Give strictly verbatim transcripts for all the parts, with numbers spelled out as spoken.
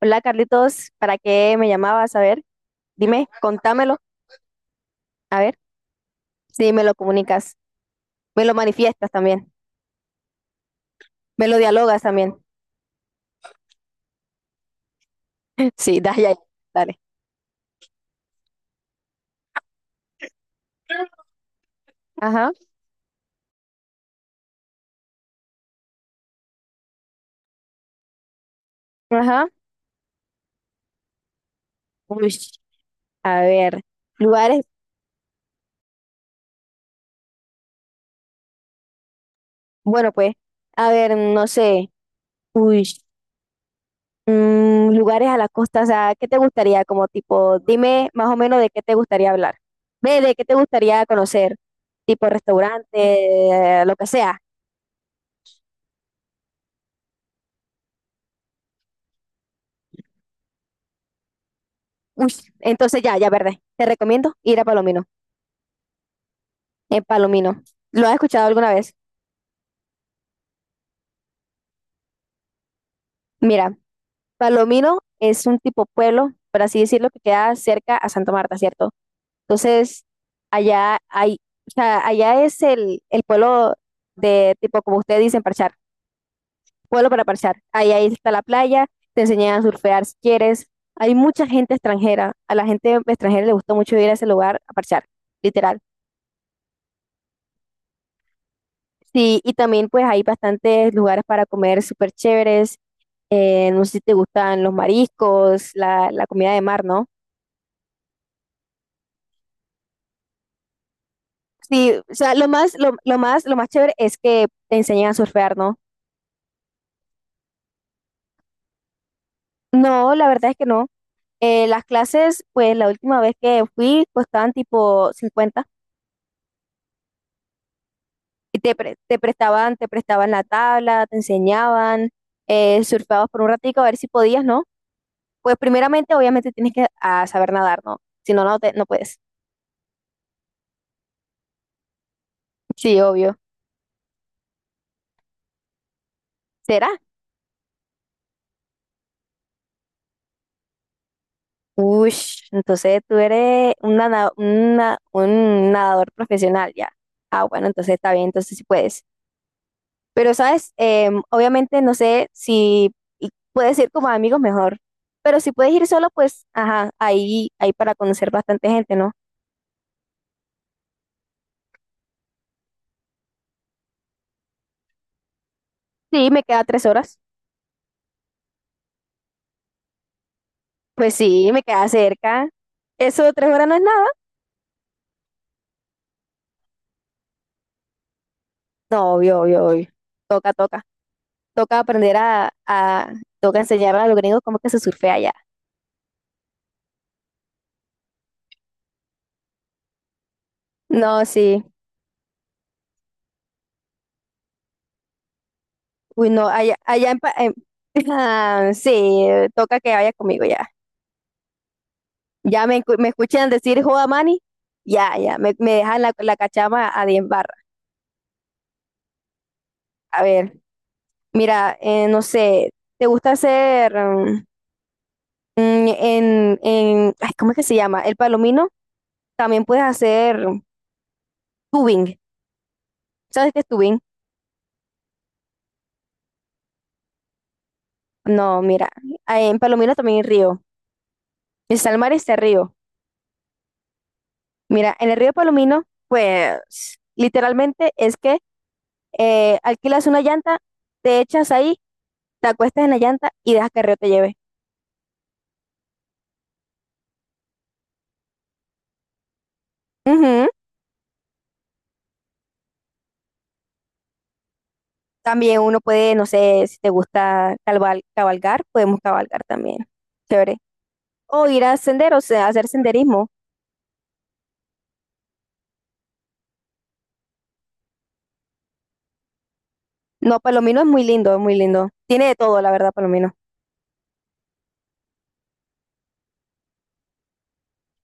Hola Carlitos, ¿para qué me llamabas? A ver, dime, contámelo, a ver, si me lo comunicas, me lo manifiestas también, me lo dialogas también. Sí, dale, ya, dale. Ajá, ajá. Uy, a ver, lugares, bueno pues, a ver, no sé, uy, mm, lugares a la costa, o sea, ¿qué te gustaría? Como tipo, dime más o menos de qué te gustaría hablar, ve, de qué te gustaría conocer, tipo restaurante, eh, lo que sea. Uy, entonces ya, ya, verde, te recomiendo ir a Palomino. En Palomino. ¿Lo has escuchado alguna vez? Mira, Palomino es un tipo pueblo, por así decirlo, que queda cerca a Santa Marta, ¿cierto? Entonces, allá hay, o sea, allá es el, el pueblo de tipo, como ustedes dicen, parchar, pueblo para parchar. Ahí, ahí está la playa, te enseñan a surfear si quieres. Hay mucha gente extranjera. A la gente extranjera le gusta mucho ir a ese lugar a parchar, literal. Sí, y también pues hay bastantes lugares para comer súper chéveres. Eh, no sé si te gustan los mariscos, la, la comida de mar, ¿no? Sí, o sea, lo más, lo, lo más, lo más chévere es que te enseñan a surfear, ¿no? No, la verdad es que no. Eh, las clases, pues la última vez que fui costaban tipo cincuenta y te, pre- te prestaban, te prestaban la tabla, te enseñaban, eh, surfeabas por un ratico a ver si podías, ¿no? Pues primeramente, obviamente tienes que ah, saber nadar, ¿no? Si no, no, te, no puedes. Sí, obvio. ¿Será? Uy, entonces tú eres un, nada- una- un nadador profesional ya. Ah, bueno, entonces está bien, entonces sí puedes. Pero, ¿sabes? Em, obviamente no sé si y puedes ir como amigos mejor. Pero si puedes ir solo, pues, ajá, ahí, ahí para conocer bastante gente, ¿no? Sí, me queda tres horas. Pues sí, me queda cerca. Eso de tres horas no es nada. No, obvio, obvio, obvio. Toca, toca. Toca aprender a, a, toca enseñar a los gringos cómo que se surfea allá. No, sí. Uy, no, allá, allá en, Pa- en- Ah, sí, toca que vaya conmigo ya. Ya me, escu- me escuchan decir joda Mani, ya, ya, me, me dejan la, la cachama a diez barras. A ver, mira, eh, no sé, ¿te gusta hacer mm, mm, en, en, ay, ¿cómo es que se llama? El palomino, también puedes hacer tubing. ¿Sabes qué es tubing? No, mira, ah, en Palomino también hay río. El Salmar está río. Mira, en el río Palomino, pues, literalmente es que eh, alquilas una llanta, te echas ahí, te acuestas en la llanta y dejas que el río te lleve. Ujú. También uno puede, no sé, si te gusta calval- cabalgar, podemos cabalgar también. Chévere. O ir a senderos, eh, a hacer senderismo. No, Palomino es muy lindo, es muy lindo. Tiene de todo, la verdad, Palomino.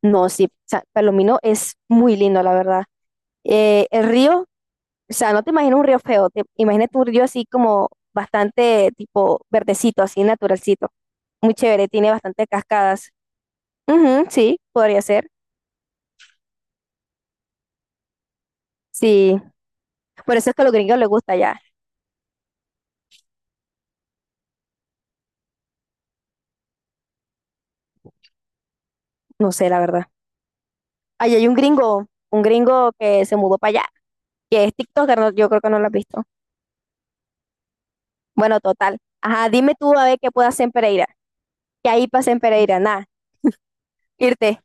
No, sí, o sea, Palomino es muy lindo, la verdad. Eh, el río, o sea, no te imaginas un río feo, te imaginas un río así como bastante tipo verdecito, así naturalcito. Muy chévere, tiene bastante cascadas. Ujú, sí, podría ser. Sí, por eso es que a los gringos les gusta allá. No sé, la verdad. Ahí hay un gringo, un gringo que se mudó para allá, que es TikToker, no- yo creo que no lo has visto. Bueno, total. Ajá, dime tú a ver qué puedo hacer en Pereira. ¿Qué hay para hacer en Pereira? Nada, irte.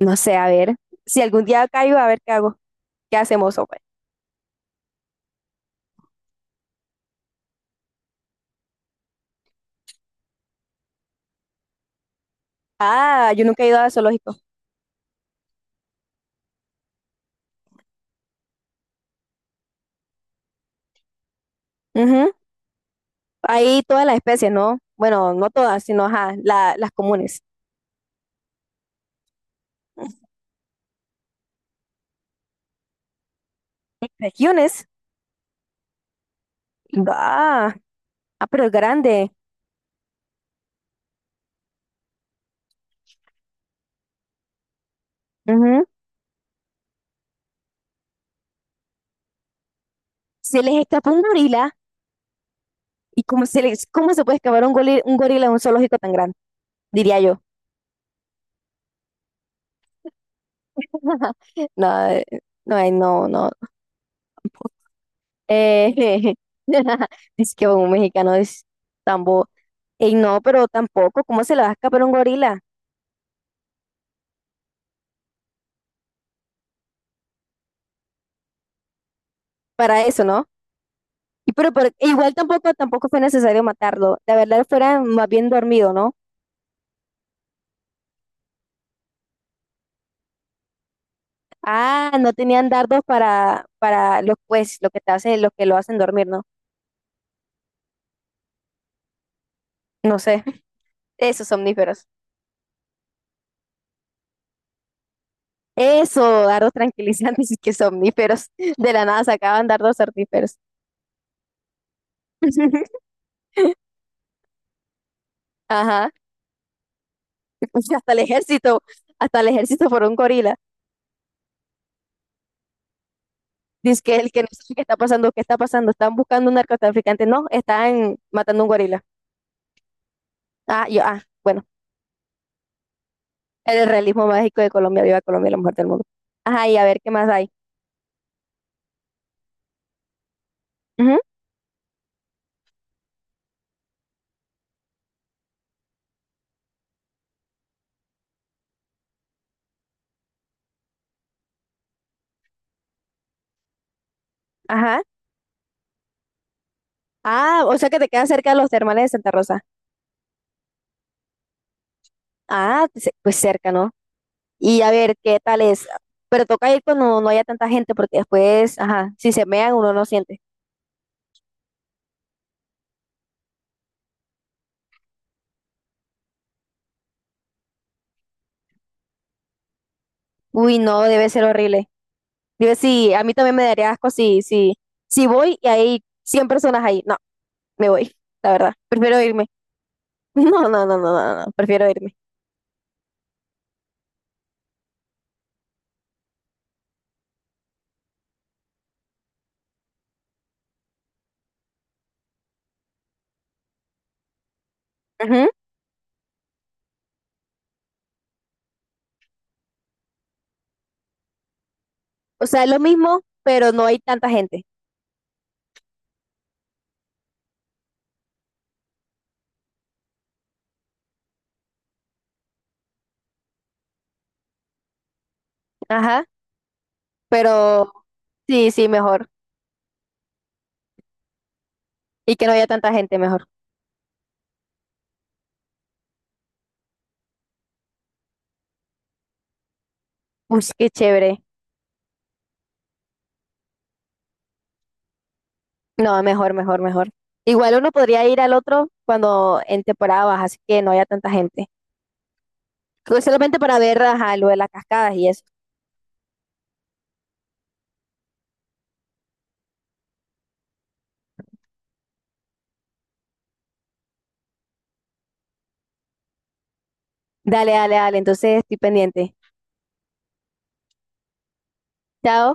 No sé, a ver. Si algún día caigo, a ver qué hago. ¿Qué hacemos, hombre? Ah, yo nunca he ido a zoológico. Ujú. Ahí todas las especies, ¿no? Bueno, no todas, sino ajá, la- las comunes. Regiones. Ah, ah, pero es grande. Se les escapó un gorila y cómo se les, cómo se puede escapar un gorila, un gorila en un zoológico tan grande, diría yo. No, eh, no, ay, no, no. Eh, dice que un mexicano es tan bobo. Ey, no, pero tampoco, ¿cómo se le va a escapar un gorila? Para eso, ¿no? Y pero, pero igual tampoco, tampoco fue necesario matarlo. La verdad fuera más bien dormido, ¿no? Ah, no tenían dardos para, para los pues, lo que te hace, lo que lo hacen dormir, ¿no? No sé. Esos somníferos. Eso, dardos tranquilizantes y que somníferos. De la nada sacaban dardos somníferos. Ajá. Pues hasta el ejército, hasta el ejército por un gorila. Dice que el que no sabe qué está pasando, qué está pasando. Están buscando un narcotraficante. No, están matando un gorila. Ah, yo, ah, bueno. El realismo mágico de Colombia. Viva Colombia, la mujer del mundo. Ajá, y a ver qué más hay. Ujú, ajá. Ah, o sea que te quedas cerca de los termales de Santa Rosa. Ah, se- pues cerca, ¿no? Y a ver qué tal es. Pero toca ir cuando no haya tanta gente, porque después, ajá, si se mean uno no siente. Uy, no, debe ser horrible. Debe, sí, a mí también me daría asco si, si, si voy y hay cien personas ahí. No, me voy, la verdad. Prefiero irme. No, no, no, no, no, no, prefiero irme. Ujú. O sea, es lo mismo, pero no hay tanta gente. Ajá, pero sí, sí, mejor. Y que no haya tanta gente, mejor. Uy, qué chévere. No, mejor, mejor, mejor. Igual uno podría ir al otro cuando en temporada baja, así que no haya tanta gente. Creo que solamente para ver, ajá, lo de las cascadas y eso. Dale, dale, dale. Entonces estoy pendiente. Chao.